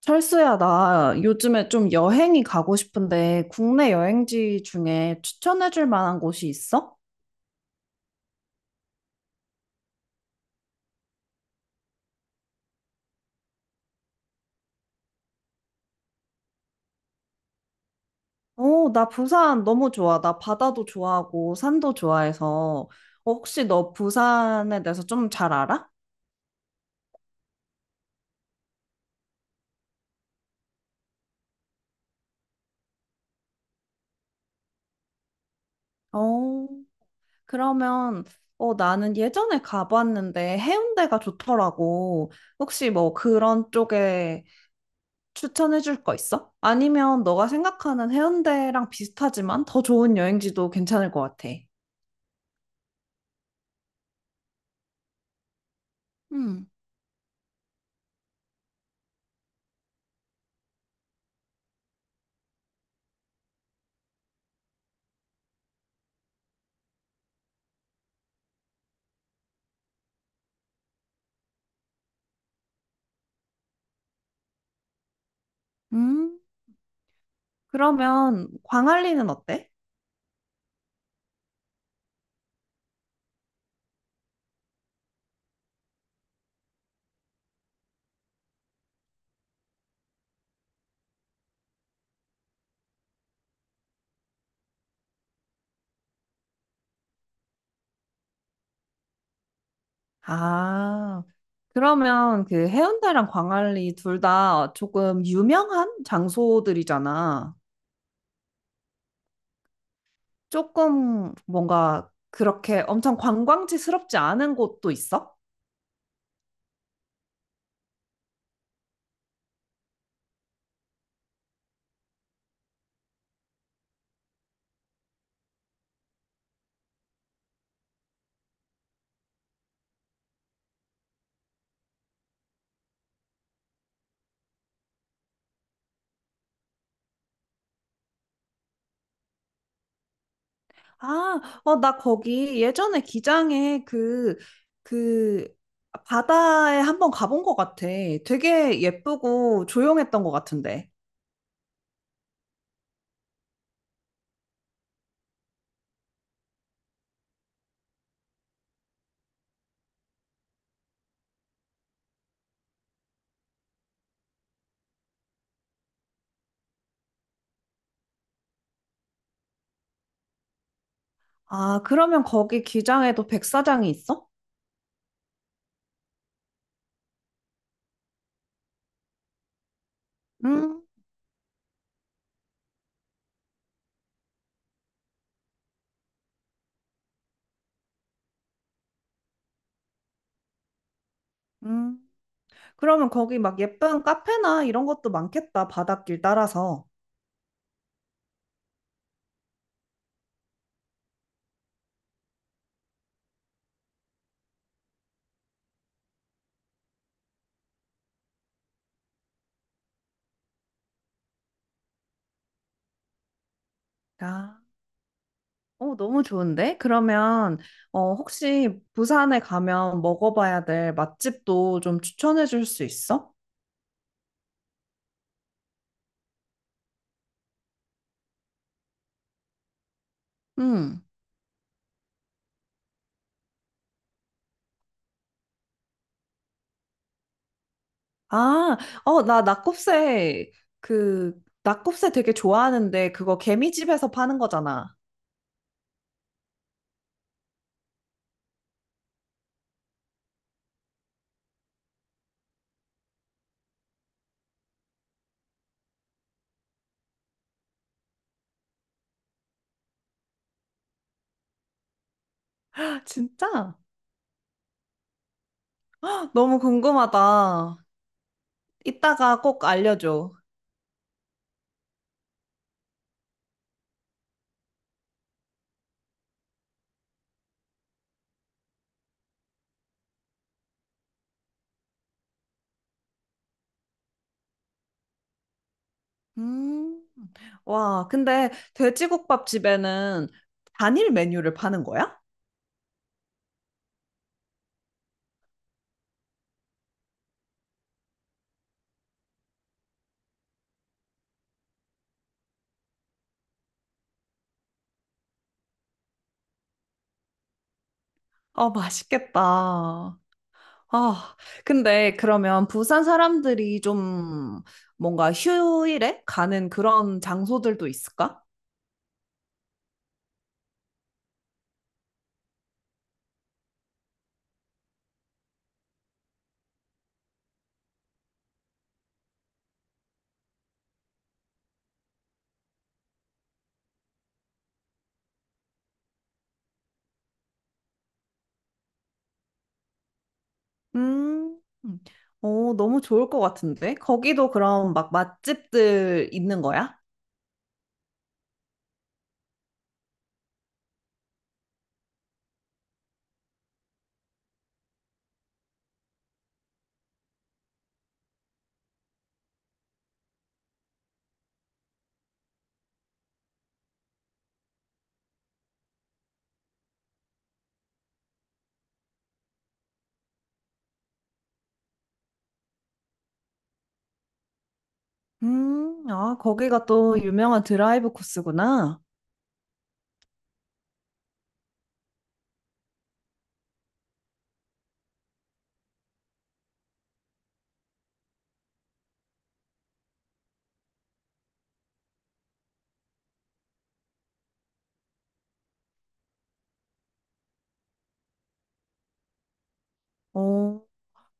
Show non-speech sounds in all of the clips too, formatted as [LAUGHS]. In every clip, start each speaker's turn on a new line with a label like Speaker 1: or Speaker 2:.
Speaker 1: 철수야, 나 요즘에 좀 여행이 가고 싶은데 국내 여행지 중에 추천해줄 만한 곳이 있어? 어, 나 부산 너무 좋아. 나 바다도 좋아하고 산도 좋아해서 어, 혹시 너 부산에 대해서 좀 잘 알아? 어, 그러면 어, 나는 예전에 가봤는데 해운대가 좋더라고. 혹시 뭐 그런 쪽에 추천해줄 거 있어? 아니면 너가 생각하는 해운대랑 비슷하지만 더 좋은 여행지도 괜찮을 것 같아. 음. 음, 그러면 광안리는 어때? 아, 그러면 그 해운대랑 광안리 둘 다 조금 유명한 장소들이잖아. 조금 뭔가 그렇게 엄청 관광지스럽지 않은 곳도 있어? 아, 어, 나 거기 예전에 기장에 그, 바다에 한번 가본 것 같아. 되게 예쁘고 조용했던 것 같은데. 아, 그러면 거기 기장에도 백사장이 있어? 음, 음. 그러면 거기 막 예쁜 카페나 이런 것도 많겠다. 바닷길 따라서. 아, 어, 너무 좋은데? 그러면, 어, 혹시 부산에 가면 먹어봐야 될 맛집도 좀 추천해 줄 수 있어? 응. 아, 어, 나 그, 낙곱새 되게 좋아하는데, 그거 개미집에서 파는 거잖아. 아, 진짜? 너무 궁금하다. 이따가 꼭 알려줘. 음. 와, 근데 돼지국밥 집에는 단일 메뉴를 파는 거야? 아, 맛있겠다. 아, 근데 그러면 부산 사람들이 좀 뭔가 휴일에 가는 그런 장소들도 있을까? 음, 오, 너무 좋을 것 같은데? 거기도 그럼 막 맛집들 있는 거야? 아, 거기가 또 유명한 드라이브 코스구나. 오,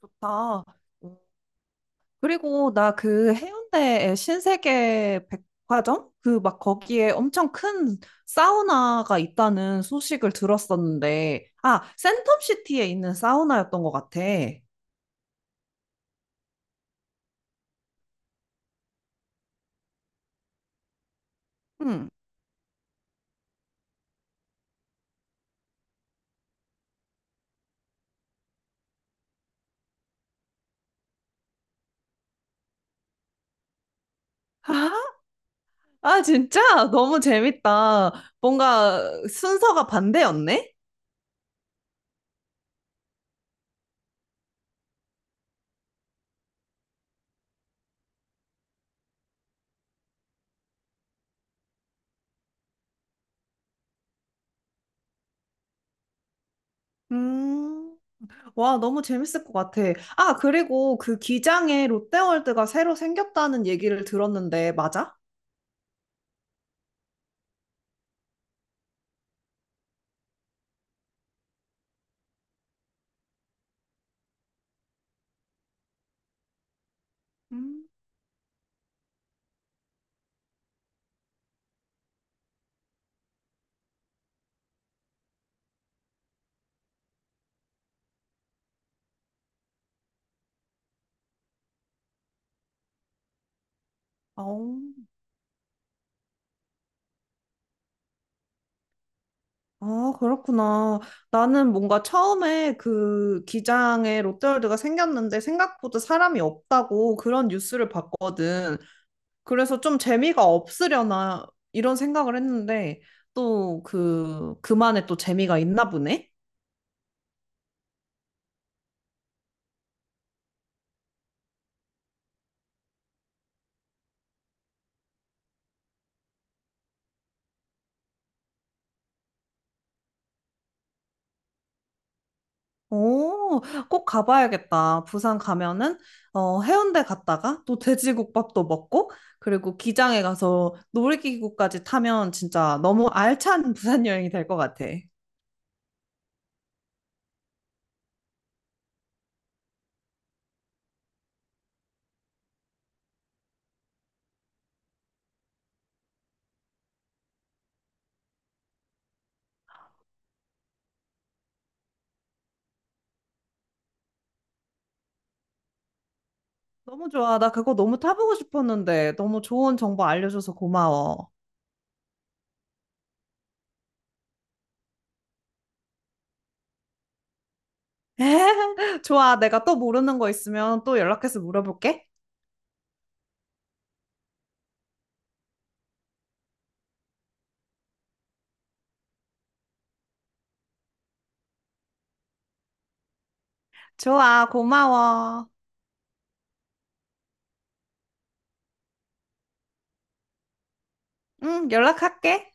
Speaker 1: 좋다. 그리고 나 그 해운대에 신세계 백화점? 그 막 거기에 엄청 큰 사우나가 있다는 소식을 들었었는데, 아, 센텀시티에 있는 사우나였던 것 같아. 음. [LAUGHS] 아, 진짜? 너무 재밌다. 뭔가 순서가 반대였네? 음, 와, 너무 재밌을 것 같아. 아, 그리고 그 기장에 롯데월드가 새로 생겼다는 얘기를 들었는데, 맞아? 음. 어, 아, 그렇구나. 나는 뭔가 처음에 그 기장에 롯데월드가 생겼는데 생각보다 사람이 없다고 그런 뉴스를 봤거든. 그래서 좀 재미가 없으려나 이런 생각을 했는데 또 그 그만의 또 재미가 있나 보네. 오, 꼭 가봐야겠다. 부산 가면은 어, 해운대 갔다가 또 돼지국밥도 먹고 그리고 기장에 가서 놀이기구까지 타면 진짜 너무 알찬 [LAUGHS] 부산 여행이 될 것 같아. 너무 좋아. 나 그거 너무 타보고 싶었는데 너무 좋은 정보 알려줘서 고마워. [LAUGHS] 좋아. 내가 또 모르는 거 있으면 또 연락해서 물어볼게. 좋아. 고마워. 응, 연락할게.